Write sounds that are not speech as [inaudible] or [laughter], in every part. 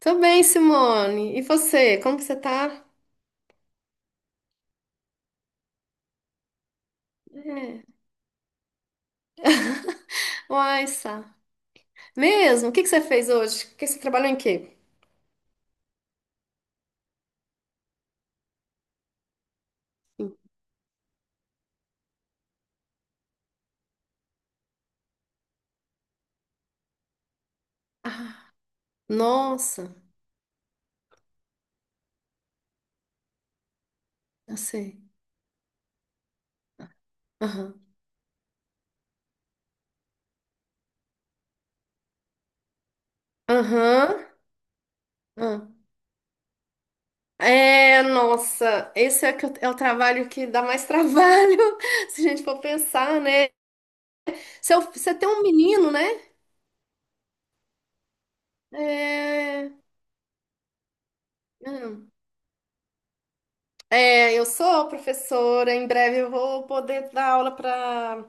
Tô bem, Simone. E você? Como que você tá? É. Uai, Sá. Mesmo? O que que você fez hoje? O que você trabalhou em quê? Ah, nossa, eu sei. Aham. Aham. Ah. É, nossa, esse é, é o trabalho que dá mais trabalho, [laughs] se a gente for pensar, né? Se eu- Você tem um menino, né? É. Ah. É, eu sou professora, em breve eu vou poder dar aula para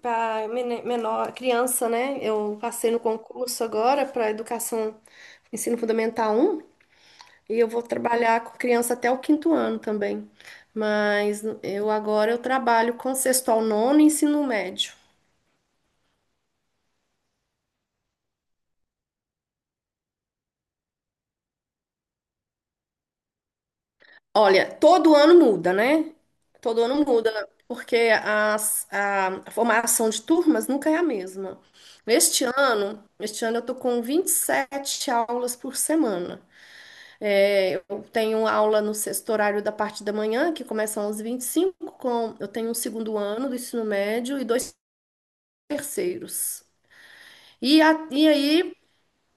menor criança, né? Eu passei no concurso agora para educação ensino fundamental um e eu vou trabalhar com criança até o quinto ano também. Mas eu agora eu trabalho com sexto ao nono e ensino médio. Olha, todo ano muda, né? Todo ano muda, porque a formação de turmas nunca é a mesma. Este ano eu tô com 27 aulas por semana. É, eu tenho aula no sexto horário da parte da manhã, que começa às 25, com, eu tenho um segundo ano do ensino médio e dois terceiros. E, e aí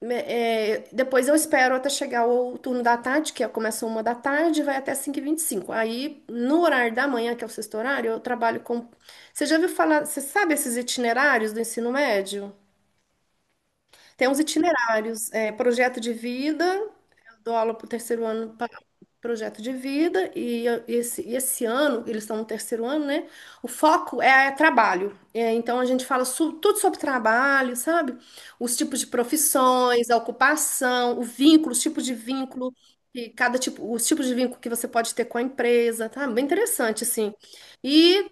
depois eu espero até chegar o turno da tarde, que é, começa uma da tarde e vai até 5:25. Aí, no horário da manhã, que é o sexto horário, eu trabalho com. Você já ouviu falar? Você sabe esses itinerários do ensino médio? Tem uns itinerários, é, projeto de vida, eu dou aula para o terceiro ano projeto de vida e esse ano, eles estão no terceiro ano, né? O foco é, trabalho. É, então a gente fala tudo sobre trabalho, sabe? Os tipos de profissões, a ocupação, o vínculo, os tipos de vínculo, e cada tipo, os tipos de vínculo que você pode ter com a empresa, tá? Bem interessante, assim. E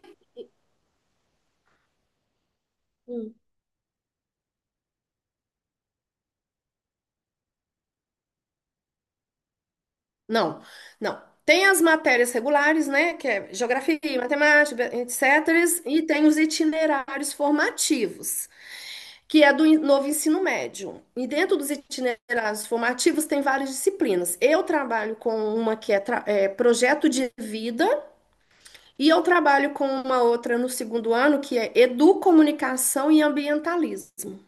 não, não. Tem as matérias regulares, né, que é geografia, matemática, etc., e tem os itinerários formativos. Que é do novo ensino médio. E dentro dos itinerários formativos tem várias disciplinas. Eu trabalho com uma que é, projeto de vida e eu trabalho com uma outra no segundo ano que é educomunicação e ambientalismo.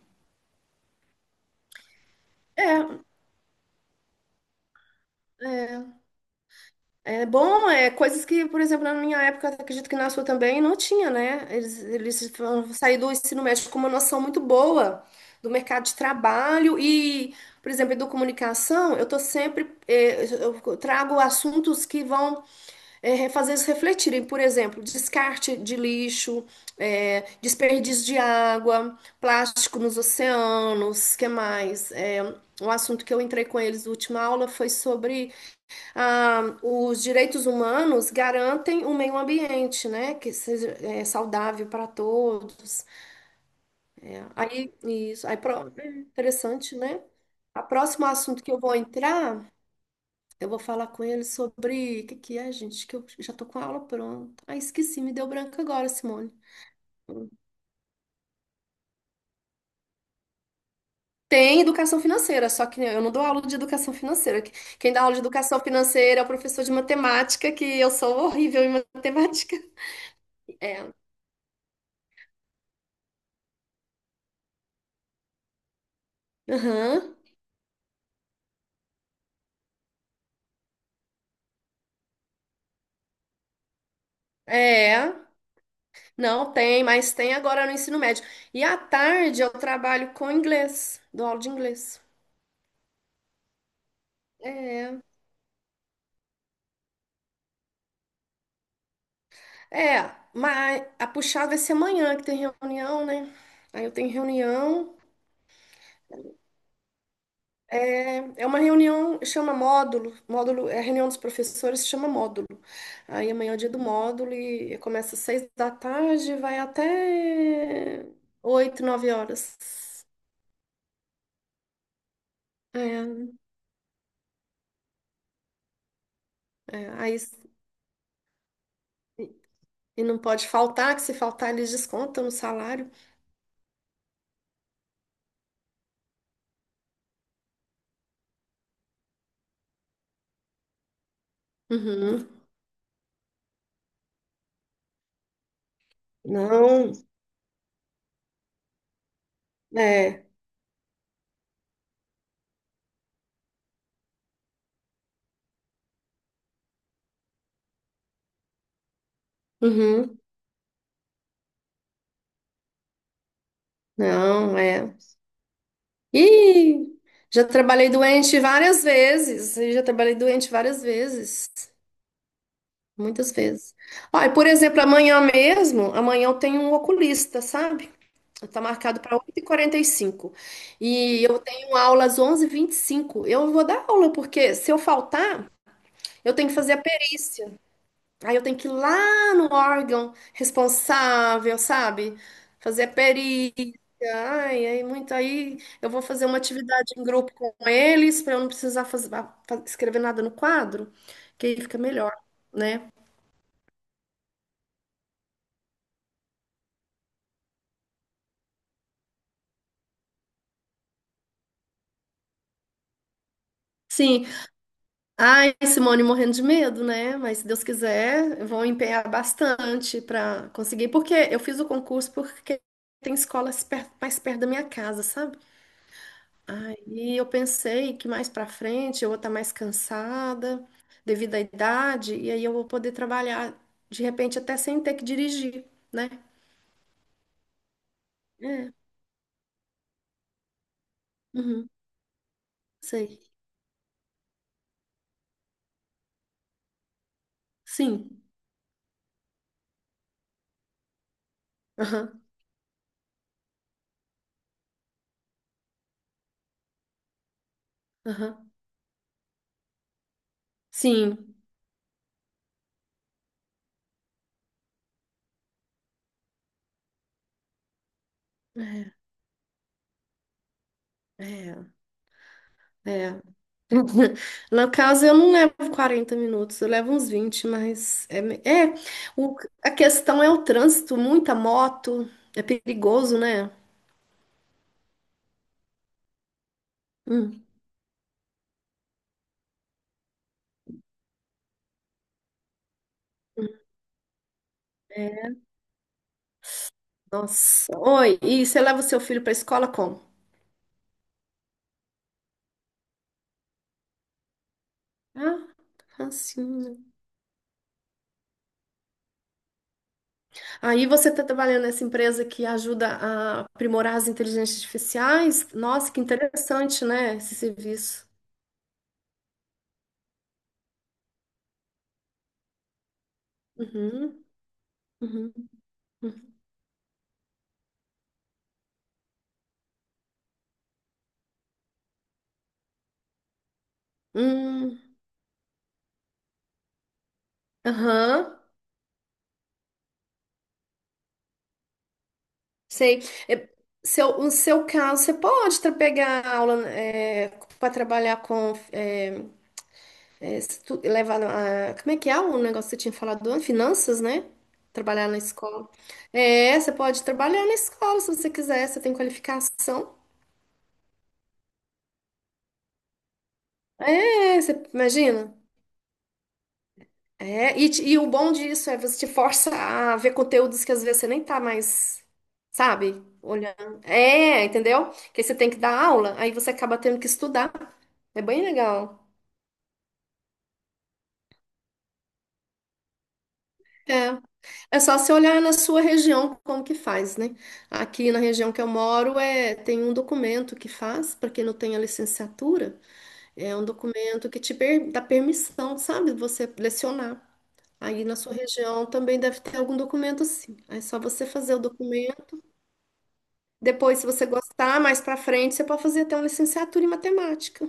É bom, é coisas que, por exemplo, na minha época, acredito que na sua também não tinha, né? Eles vão sair do ensino médio com uma noção muito boa do mercado de trabalho e, por exemplo, educomunicação, eu tô sempre, eu trago assuntos que vão fazer eles refletirem, por exemplo, descarte de lixo, desperdício de água, plástico nos oceanos, que mais? É, um assunto que eu entrei com eles na última aula foi sobre os direitos humanos garantem um meio ambiente, né? Que seja saudável para todos. É, aí, isso, aí, é interessante, né? O próximo assunto que eu vou entrar eu vou falar com ele sobre o que que é, gente, que eu já tô com a aula pronta. Ah, esqueci, me deu branco agora, Simone. Tem educação financeira, só que eu não dou aula de educação financeira. Quem dá aula de educação financeira é o professor de matemática, que eu sou horrível em matemática. É. Aham. É. Não tem, mas tem agora no ensino médio. E à tarde eu trabalho com inglês, dou aula de inglês. É, mas a puxada vai ser amanhã, que tem reunião, né? Aí eu tenho reunião. É uma reunião, chama módulo. Módulo é a reunião dos professores, chama módulo. Aí amanhã é o dia do módulo e começa às seis da tarde, vai até oito, nove horas. É, é, aí, e não pode faltar, que se faltar eles descontam no salário. Uhum. Não, é. Uhum. Não, é. E já trabalhei doente várias vezes, e já trabalhei doente várias vezes. Muitas vezes. Olha, por exemplo, amanhã mesmo, amanhã eu tenho um oculista, sabe? Está marcado para oito e quarenta e cinco. E eu tenho aula às 11:25. Eu vou dar aula, porque se eu faltar, eu tenho que fazer a perícia. Aí eu tenho que ir lá no órgão responsável, sabe? Fazer a perícia. Ai, aí muito aí. Eu vou fazer uma atividade em grupo com eles, para eu não precisar escrever nada no quadro, que aí fica melhor, né? Sim, ai, Simone, morrendo de medo, né? Mas se Deus quiser, eu vou empenhar bastante para conseguir. Porque eu fiz o concurso porque tem escolas mais perto da minha casa, sabe? Aí eu pensei que mais para frente eu vou estar mais cansada devido à idade, e aí eu vou poder trabalhar de repente até sem ter que dirigir, né? É, uhum, sei. Sim. Aham, aham. Sim. É, é, é. [laughs] No caso, eu não levo 40 minutos, eu levo uns 20, mas o- a questão é o trânsito, muita moto, é perigoso, né? Hum, é, nossa. Oi, e você leva o seu filho para a escola como? Ah, facinho. Aí você está trabalhando nessa empresa que ajuda a aprimorar as inteligências artificiais? Nossa, que interessante, né? Esse serviço. Uhum, uhum, uhum. Hum, aham. Sei. É, no seu caso, você pode pegar aula para trabalhar com. Se levar como é que é o negócio que você tinha falado, antes? Finanças, né? Trabalhar na escola. É, você pode trabalhar na escola se você quiser, você tem qualificação. É, você imagina? É, e o bom disso é você te força a ver conteúdos que às vezes você nem tá mais, sabe, olhando. É, entendeu? Que você tem que dar aula, aí você acaba tendo que estudar. É bem legal. É. É só você olhar na sua região como que faz, né? Aqui na região que eu moro é tem um documento que faz para quem não tem a licenciatura, é um documento que te dá permissão, sabe, de você lecionar. Aí na sua região também deve ter algum documento assim. Aí é só você fazer o documento. Depois, se você gostar, mais pra frente, você pode fazer até uma licenciatura em matemática.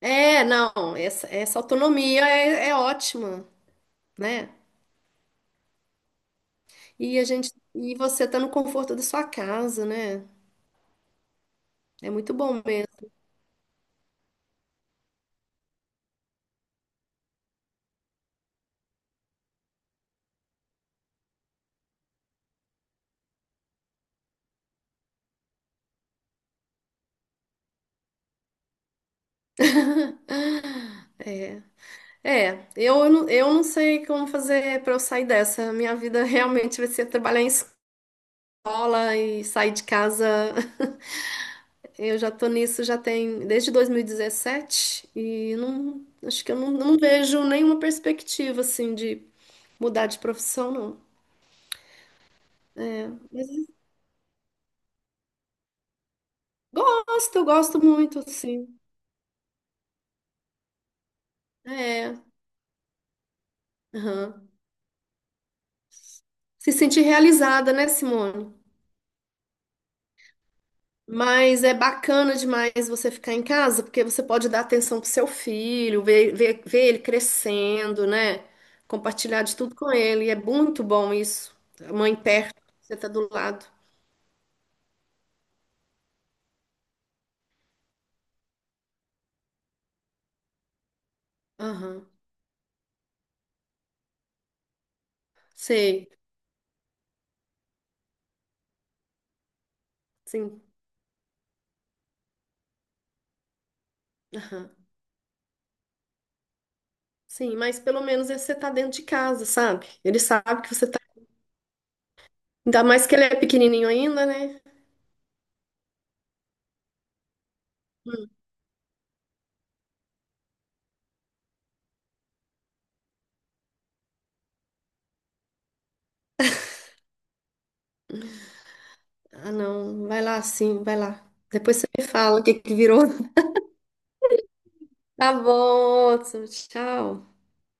É, não, essa autonomia é ótima, né? E a gente, e você tá no conforto da sua casa, né? É muito bom mesmo. [laughs] É, eu, eu não sei como fazer pra eu sair dessa. Minha vida realmente vai ser trabalhar em escola e sair de casa. Eu já tô nisso já tem desde 2017 e dezessete e não acho que eu não, não vejo nenhuma perspectiva assim de mudar de profissão, não. É, mas gosto, eu gosto muito, assim. É, aham. Se sentir realizada, né, Simone? Mas é bacana demais você ficar em casa, porque você pode dar atenção pro seu filho, ver ele crescendo, né? Compartilhar de tudo com ele. E é muito bom isso. A mãe perto, você tá do lado. Aham. Sei, sim, aham. Sim, mas pelo menos esse você tá dentro de casa, sabe? Ele sabe que você tá. Ainda mais que ele é pequenininho ainda, né? Hum. Ah, não, vai lá sim, vai lá. Depois você me fala o que que virou. [laughs] Tá bom, Hudson, tchau.